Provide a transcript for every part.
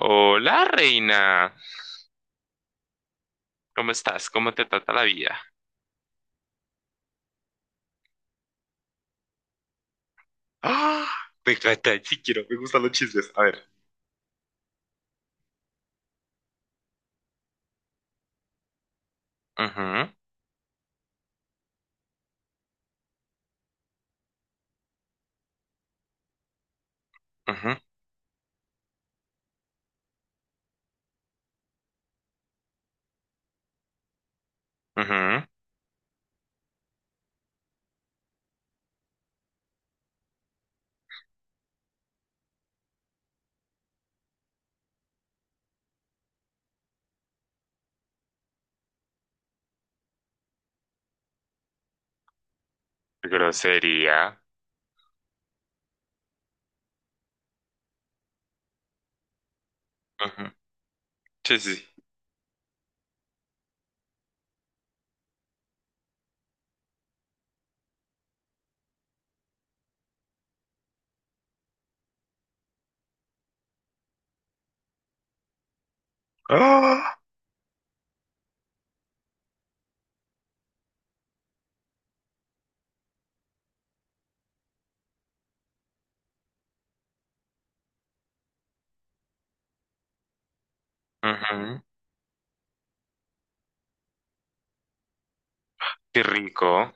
Hola, reina. ¿Cómo estás? ¿Cómo te trata la vida? ¡Ah! Me encanta, sí quiero, me gustan los chismes. A ver. Ujú, ujú, ujú. Grosería. Ujú. Sí, sí, sí. ¡Ah! Ujú. Qué rico.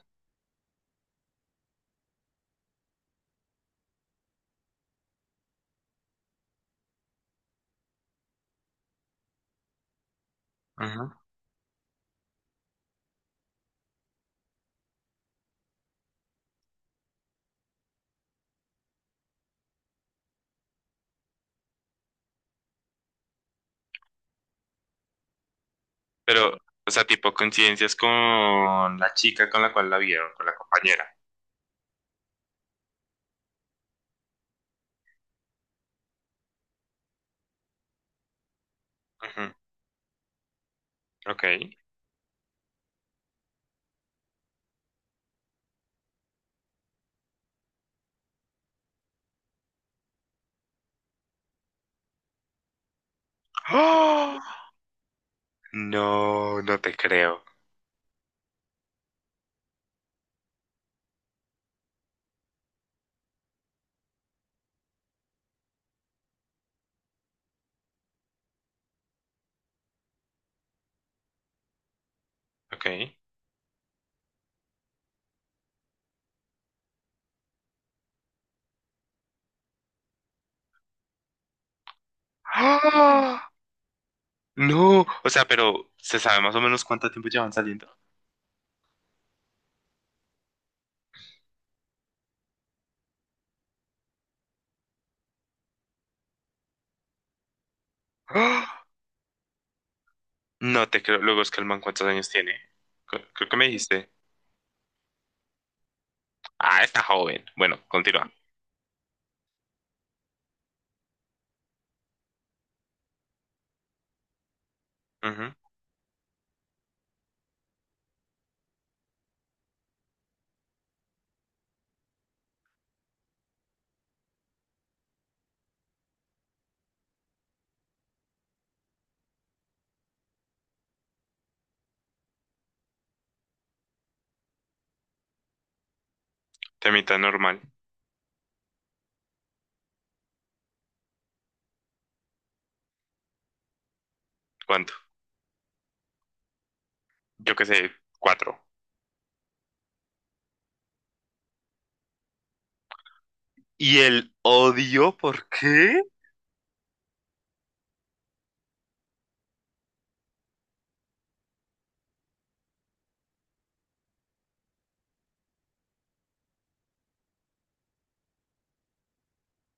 Ujú. Pero, o sea, tipo coincidencias con la chica con la cual la vieron, con la compañera. Ujú. Ok. ¡Ah! No, no te creo. Ok. ¡Ah! No, o sea, pero ¿se sabe más o menos cuánto tiempo llevan saliendo? ¡Ah! No te creo. Luego es que el man, ¿cuántos años tiene? Creo que me dijiste. Ah, está joven. Bueno, continúa. Ujú. Temita normal. ¿Cuánto? Yo qué sé, cuatro. ¿Y el odio? ¿Por qué?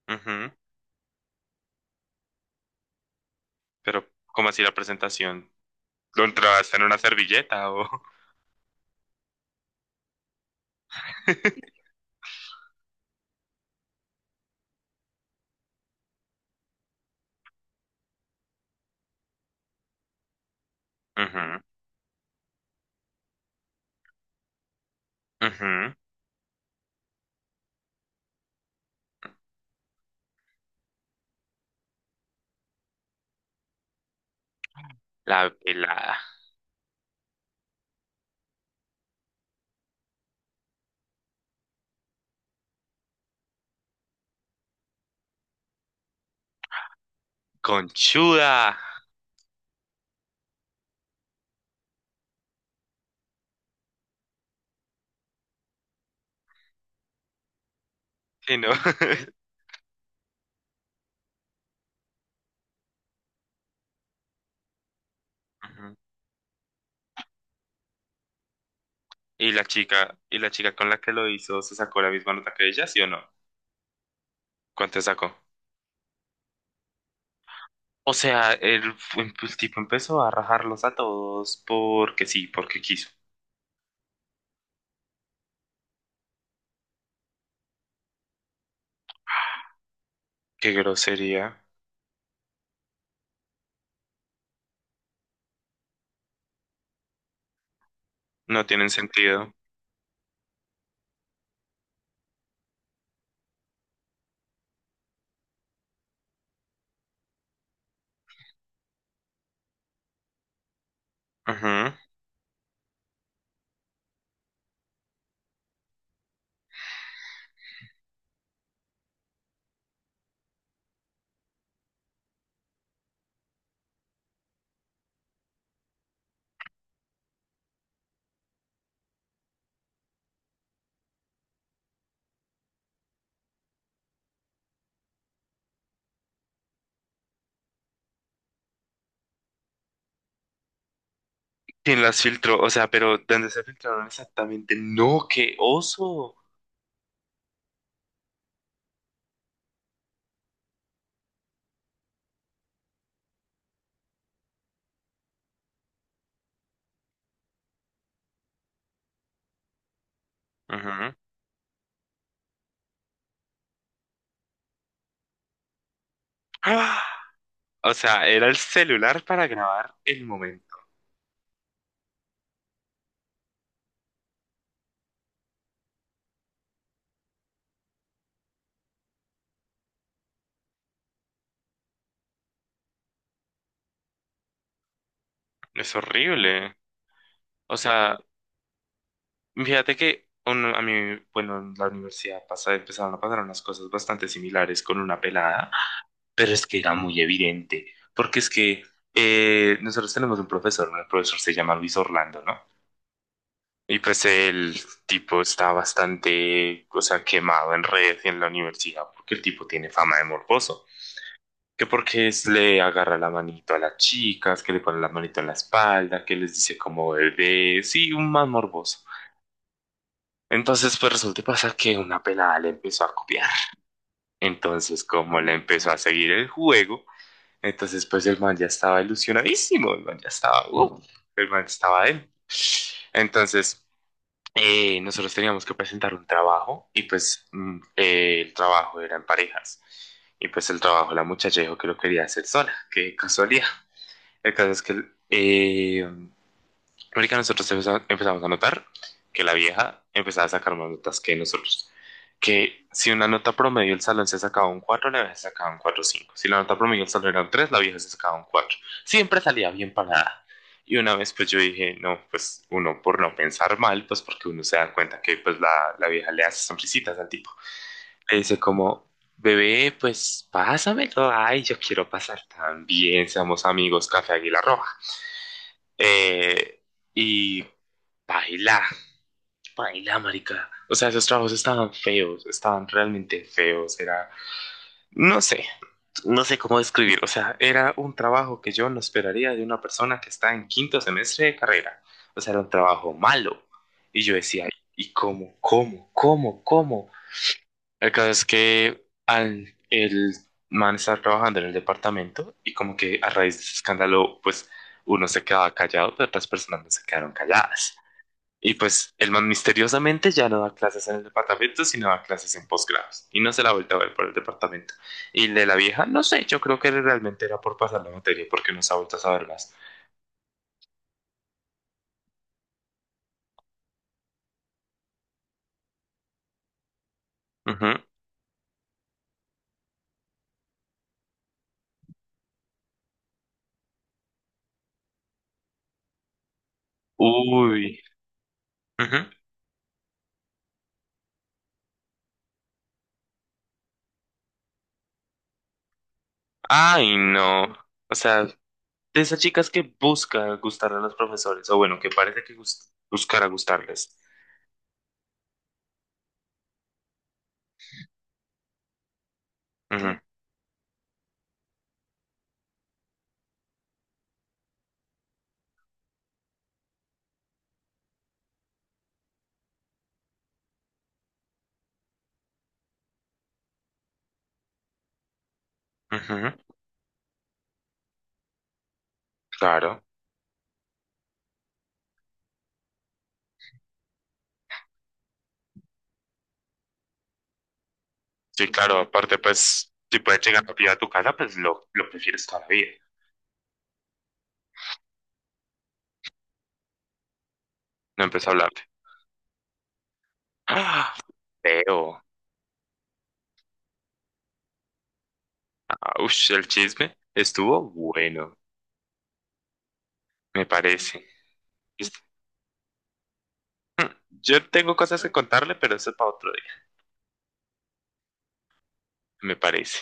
Ujú. Pero ¿cómo así la presentación? ¿Lo entraste en una servilleta o...? Ujú, ujú. La pelada. Conchuda. Sí, ¿no? Ujú. Y la chica con la que lo hizo, ¿se sacó la misma nota que ella, sí o no? ¿Cuánto sacó? O sea, el tipo empezó a rajarlos a todos porque sí, porque quiso. Qué grosería. No tienen sentido. Ajá. ¿Quién las filtró? O sea, pero ¿dónde se filtraron exactamente? No, qué oso. Ajá. ¡Ah! O sea, era el celular para grabar el momento. Es horrible. O sea, fíjate que uno, a mí, bueno, en la universidad pasa, empezaron a pasar unas cosas bastante similares con una pelada. Pero es que era muy evidente, porque es que nosotros tenemos un profesor, ¿no? El profesor se llama Luis Orlando, ¿no? Y pues el tipo está bastante, o sea, quemado en redes y en la universidad, porque el tipo tiene fama de morboso. Que porque le agarra la manito a las chicas, que le pone la manito en la espalda, que les dice como bebé, sí, un más morboso. Entonces, pues resulta y pasa que una pelada le empezó a copiar. Entonces, como le empezó a seguir el juego, entonces pues el man ya estaba ilusionadísimo, el man ya estaba, el man estaba él. Entonces, nosotros teníamos que presentar un trabajo y pues el trabajo era en parejas. Y pues el trabajo, la muchacha dijo que lo quería hacer sola, qué casualidad. El caso es que eh, marica, nosotros empezamos a notar que la vieja empezaba a sacar más notas que nosotros. Que si una nota promedio el salón se sacaba un 4, la vieja se sacaba un cuatro cinco. Si la nota promedio el salón era un 3, la vieja se sacaba un 4. Siempre salía bien parada. Y una vez pues yo dije, no, pues uno por no pensar mal, pues porque uno se da cuenta que pues la vieja le hace sonrisitas al tipo. Le dice como, bebé, pues pásamelo. Ay, yo quiero pasar también. Seamos amigos, Café Águila Roja. Eh, y baila, baila, marica. O sea, esos trabajos estaban feos, estaban realmente feos. Era, no sé, no sé cómo describir. O sea, era un trabajo que yo no esperaría de una persona que está en quinto semestre de carrera. O sea, era un trabajo malo. Y yo decía, ¿y cómo, cómo, cómo, cómo? El caso es que al el man estaba trabajando en el departamento y como que a raíz de ese escándalo, pues uno se quedaba callado, pero otras personas no se quedaron calladas. Y pues el man misteriosamente ya no da clases en el departamento, sino da clases en posgrados. Y no se la ha vuelto a ver por el departamento. Y el de la vieja, no sé, yo creo que realmente era por pasar la materia, porque no se ha vuelto a saber más. Ujú. Uy. Ujú. Ay, no. O sea, de esas chicas que busca gustar a los profesores, o bueno, que parece que buscar a gustarles. Ujú, ujú, claro. Sí, claro. Aparte, pues, si puedes llegar rápido a tu casa, pues lo prefieres toda la vida. No empiezo a hablar. ¡Ah! Feo. Ush, el chisme estuvo bueno, me parece. Es- Mm, Yo tengo cosas que contarle, pero eso es para otro día. Me parece,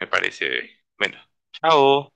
me parece, bebé. Bueno, chao.